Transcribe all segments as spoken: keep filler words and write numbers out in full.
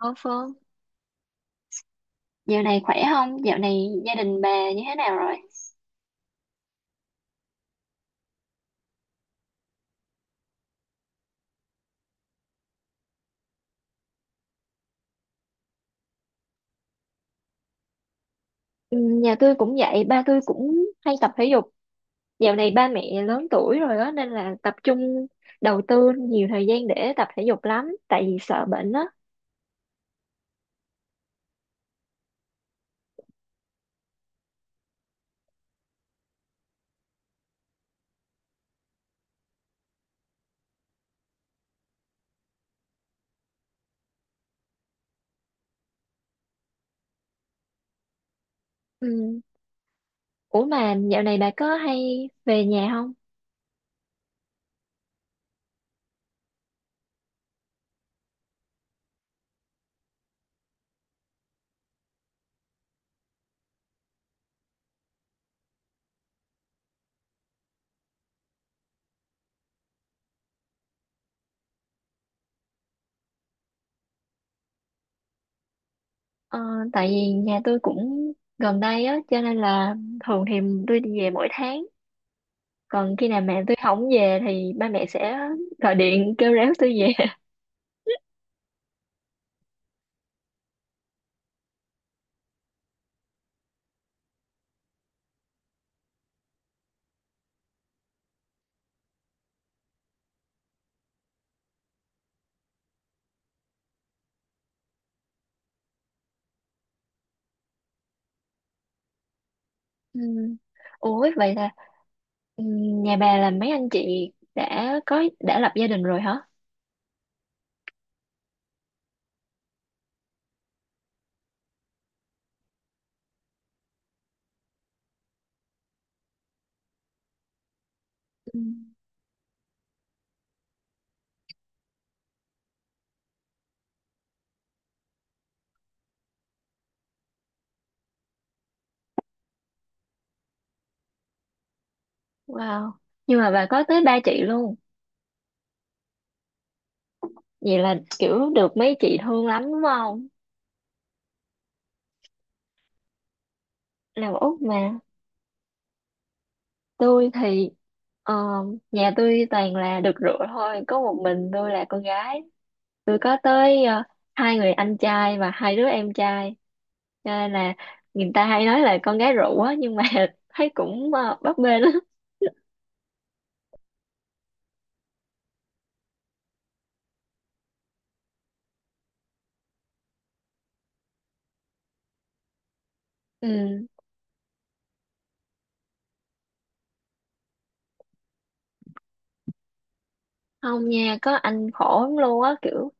Ô Phương, dạo này khỏe không? Dạo này gia đình bà như thế nào rồi? Ừ, nhà tôi cũng vậy, ba tôi cũng hay tập thể dục. Dạo này ba mẹ lớn tuổi rồi đó nên là tập trung đầu tư nhiều thời gian để tập thể dục lắm, tại vì sợ bệnh á. Ừ. Ủa mà dạo này bà có hay về nhà không? ờ, Tại vì nhà tôi cũng gần đây á, cho nên là thường thì tôi đi về mỗi tháng, còn khi nào mẹ tôi không về thì ba mẹ sẽ gọi điện kêu réo tôi về. Ừ. Ủa vậy là, ừ, nhà bà là mấy anh chị đã có, đã lập gia đình rồi hả? Ừ. Wow. Nhưng mà bà có tới ba chị luôn. Vậy là kiểu được mấy chị thương lắm đúng không? Làm út mà. Tôi thì ờ, nhà tôi toàn là được rượu thôi. Có một mình tôi là con gái. Tôi có tới ờ, hai người anh trai và hai đứa em trai. Cho nên là người ta hay nói là con gái rượu á. Nhưng mà thấy cũng ờ, bấp bênh á. Ừ. Không nha, có anh khổ lắm luôn á. Kiểu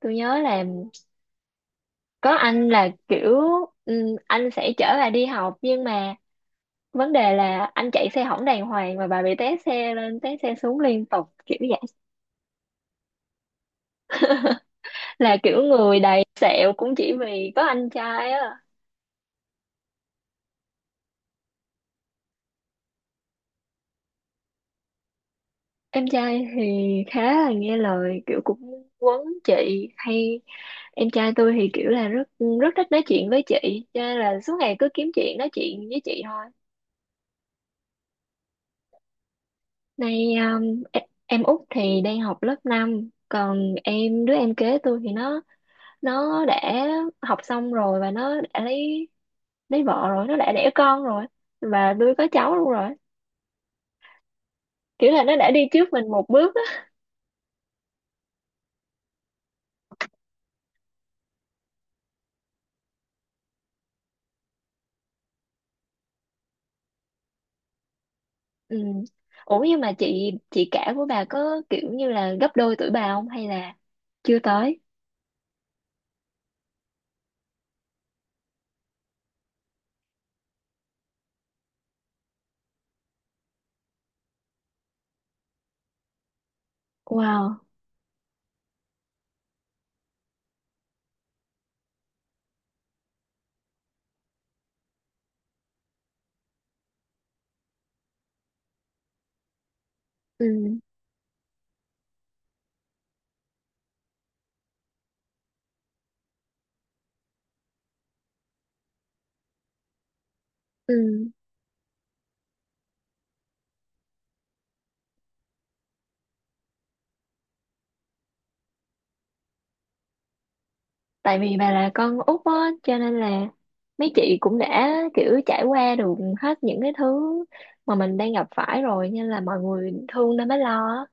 tôi nhớ là có anh là kiểu, ừm, anh sẽ chở bà đi học, nhưng mà vấn đề là anh chạy xe hỏng đàng hoàng mà bà bị té xe lên té xe xuống liên tục kiểu vậy, là kiểu người đầy sẹo cũng chỉ vì có anh trai á. Em trai thì khá là nghe lời, kiểu cũng quấn chị. Hay em trai tôi thì kiểu là rất rất thích nói chuyện với chị, cho nên là suốt ngày cứ kiếm chuyện nói chuyện với chị thôi. Này um, e- em Út thì đang học lớp năm, còn em đứa em kế tôi thì nó nó đã học xong rồi, và nó đã lấy lấy vợ rồi, nó đã đẻ con rồi, và tôi có cháu luôn rồi. Kiểu là nó đã đi trước mình một bước á. Ừ. Ủa nhưng mà chị chị cả của bà có kiểu như là gấp đôi tuổi bà không, hay là chưa tới? Wow. Ừ. Ừ, tại vì bà là con út á, cho nên là mấy chị cũng đã kiểu trải qua được hết những cái thứ mà mình đang gặp phải rồi, nên là mọi người thương nên mới lo á.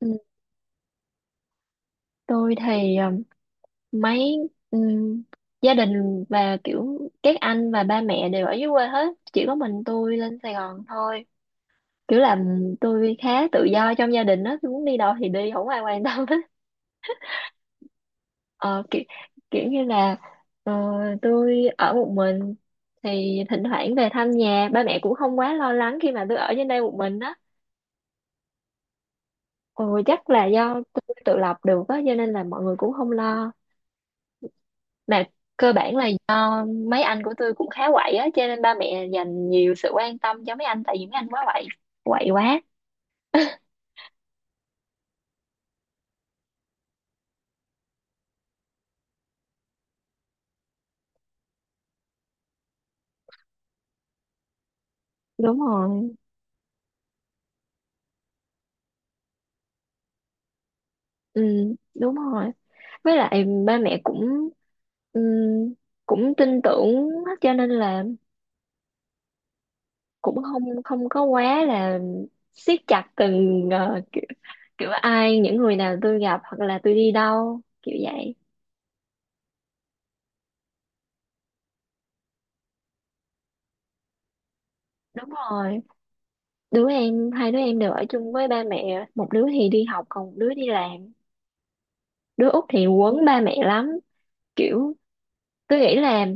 Ừ, tôi thì um, mấy um, gia đình và kiểu các anh và ba mẹ đều ở dưới quê hết, chỉ có mình tôi lên Sài Gòn thôi. Kiểu là ừ, tôi khá tự do trong gia đình đó, tôi muốn đi đâu thì đi, không ai quan tâm hết. Ờ, kiểu, kiểu như là ờ, tôi ở một mình thì thỉnh thoảng về thăm nhà, ba mẹ cũng không quá lo lắng khi mà tôi ở trên đây một mình á. Ừ, chắc là do tôi tự lập được á, cho nên là mọi người cũng không lo. Mà cơ bản là do mấy anh của tôi cũng khá quậy á, cho nên ba mẹ dành nhiều sự quan tâm cho mấy anh, tại vì mấy anh quá quậy, quậy quá. Đúng rồi. Ừ, đúng rồi, với lại ba mẹ cũng ừ, cũng tin tưởng á, cho nên là cũng không không có quá là siết chặt từng ờ, kiểu, kiểu ai, những người nào tôi gặp hoặc là tôi đi đâu kiểu vậy. Đúng rồi, đứa em hai đứa em đều ở chung với ba mẹ, một đứa thì đi học còn một đứa đi làm. Đứa út thì quấn ba mẹ lắm. Kiểu tôi nghĩ là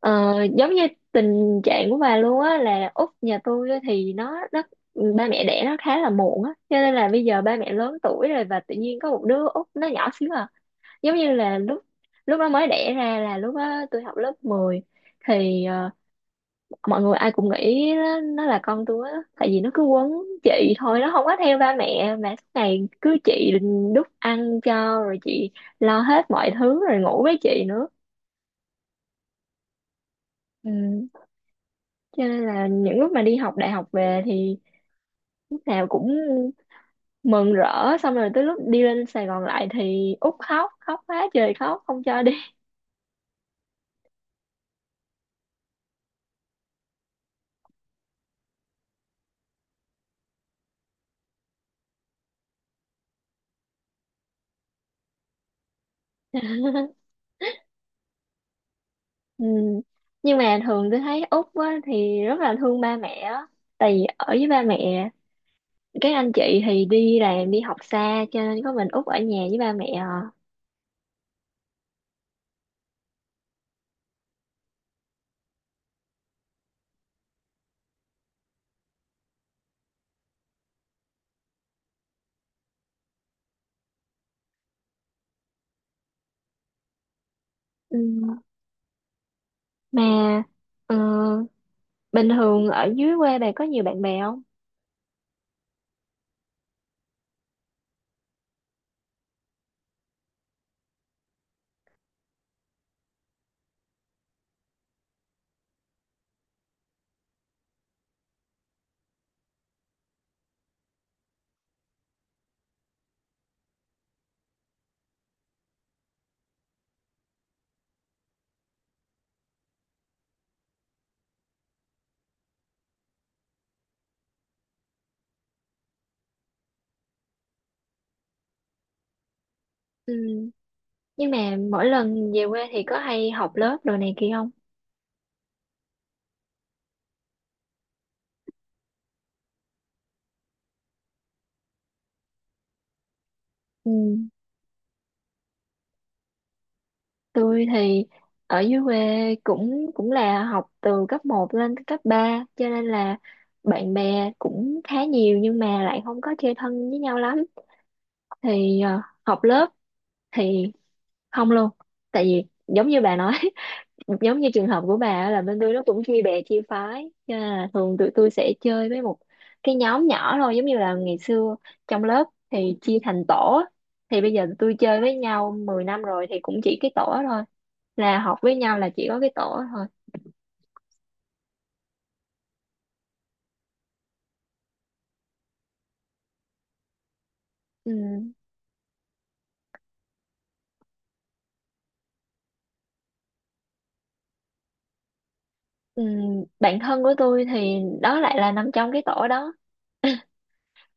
ờ, giống như tình trạng của bà luôn á, là út nhà tôi á thì nó nó ba mẹ đẻ nó khá là muộn á, cho nên là bây giờ ba mẹ lớn tuổi rồi và tự nhiên có một đứa út nó nhỏ xíu à. Giống như là lúc lúc nó mới đẻ ra là lúc đó tôi học lớp mười. Thì ờ, mọi người ai cũng nghĩ nó, nó là con tôi á, tại vì nó cứ quấn chị thôi, nó không có theo ba mẹ, mà suốt ngày cứ chị đút ăn cho, rồi chị lo hết mọi thứ, rồi ngủ với chị nữa. Ừ. Cho nên là những lúc mà đi học đại học về thì lúc nào cũng mừng rỡ, xong rồi tới lúc đi lên Sài Gòn lại thì út khóc, khóc quá trời, khóc không cho. Ừ. Nhưng mà thường tôi thấy Úc á, thì rất là thương ba mẹ á. Tại vì ở với ba mẹ, các anh chị thì đi làm, đi học xa, cho nên có mình Út ở nhà với ba mẹ à. Ừ. Mà ờ, bình thường ở dưới quê bà có nhiều bạn bè không? Ừ. Nhưng mà mỗi lần về quê thì có hay học lớp đồ này kia không? Ừ. Tôi thì ở dưới quê cũng cũng là học từ cấp một lên tới cấp ba, cho nên là bạn bè cũng khá nhiều, nhưng mà lại không có chơi thân với nhau lắm. Thì ờ, học lớp thì không luôn. Tại vì giống như bà nói, giống như trường hợp của bà á, là bên tôi nó cũng chia bè chia phái, cho nên là thường tụi tôi sẽ chơi với một cái nhóm nhỏ thôi, giống như là ngày xưa trong lớp thì chia thành tổ á. Thì bây giờ tụi tôi chơi với nhau mười năm rồi thì cũng chỉ cái tổ đó thôi, là học với nhau là chỉ có cái tổ thôi. Ừ. Ừ, bạn thân của tôi thì đó lại là nằm trong cái tổ đó.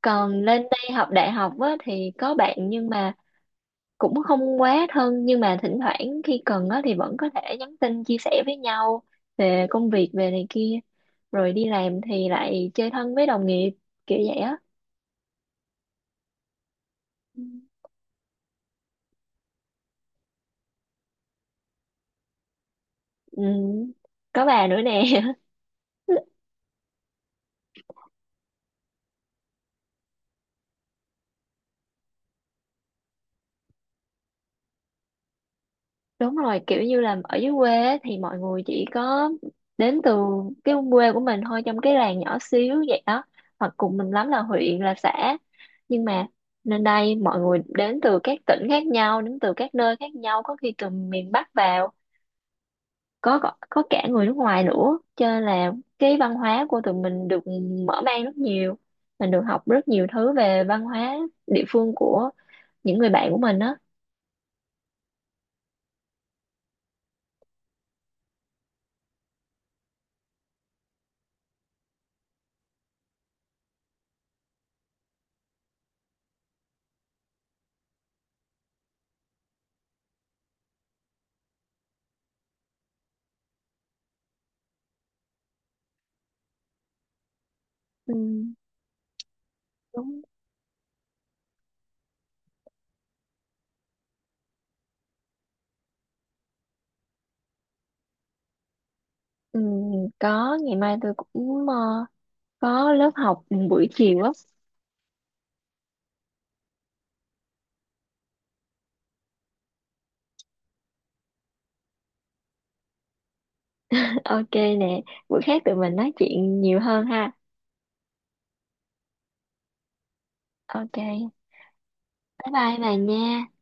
Còn lên đây học đại học á, thì có bạn nhưng mà cũng không quá thân, nhưng mà thỉnh thoảng khi cần á, thì vẫn có thể nhắn tin chia sẻ với nhau về công việc, về này kia. Rồi đi làm thì lại chơi thân với đồng nghiệp kiểu vậy á. Ừ, có bà nữa nè. Đúng rồi, kiểu như là ở dưới quê á, thì mọi người chỉ có đến từ cái quê của mình thôi, trong cái làng nhỏ xíu vậy đó, hoặc cùng mình lắm là huyện là xã. Nhưng mà nên đây mọi người đến từ các tỉnh khác nhau, đến từ các nơi khác nhau, có khi từ miền Bắc vào, có có có cả người nước ngoài nữa, cho nên là cái văn hóa của tụi mình được mở mang rất nhiều. Mình được học rất nhiều thứ về văn hóa địa phương của những người bạn của mình á. Ừ, đúng. Ừ, có, ngày mai tôi cũng ờ, có lớp học buổi chiều á. Ok nè, buổi khác tụi mình nói chuyện nhiều hơn ha. Ok, bye. Bye bà nha.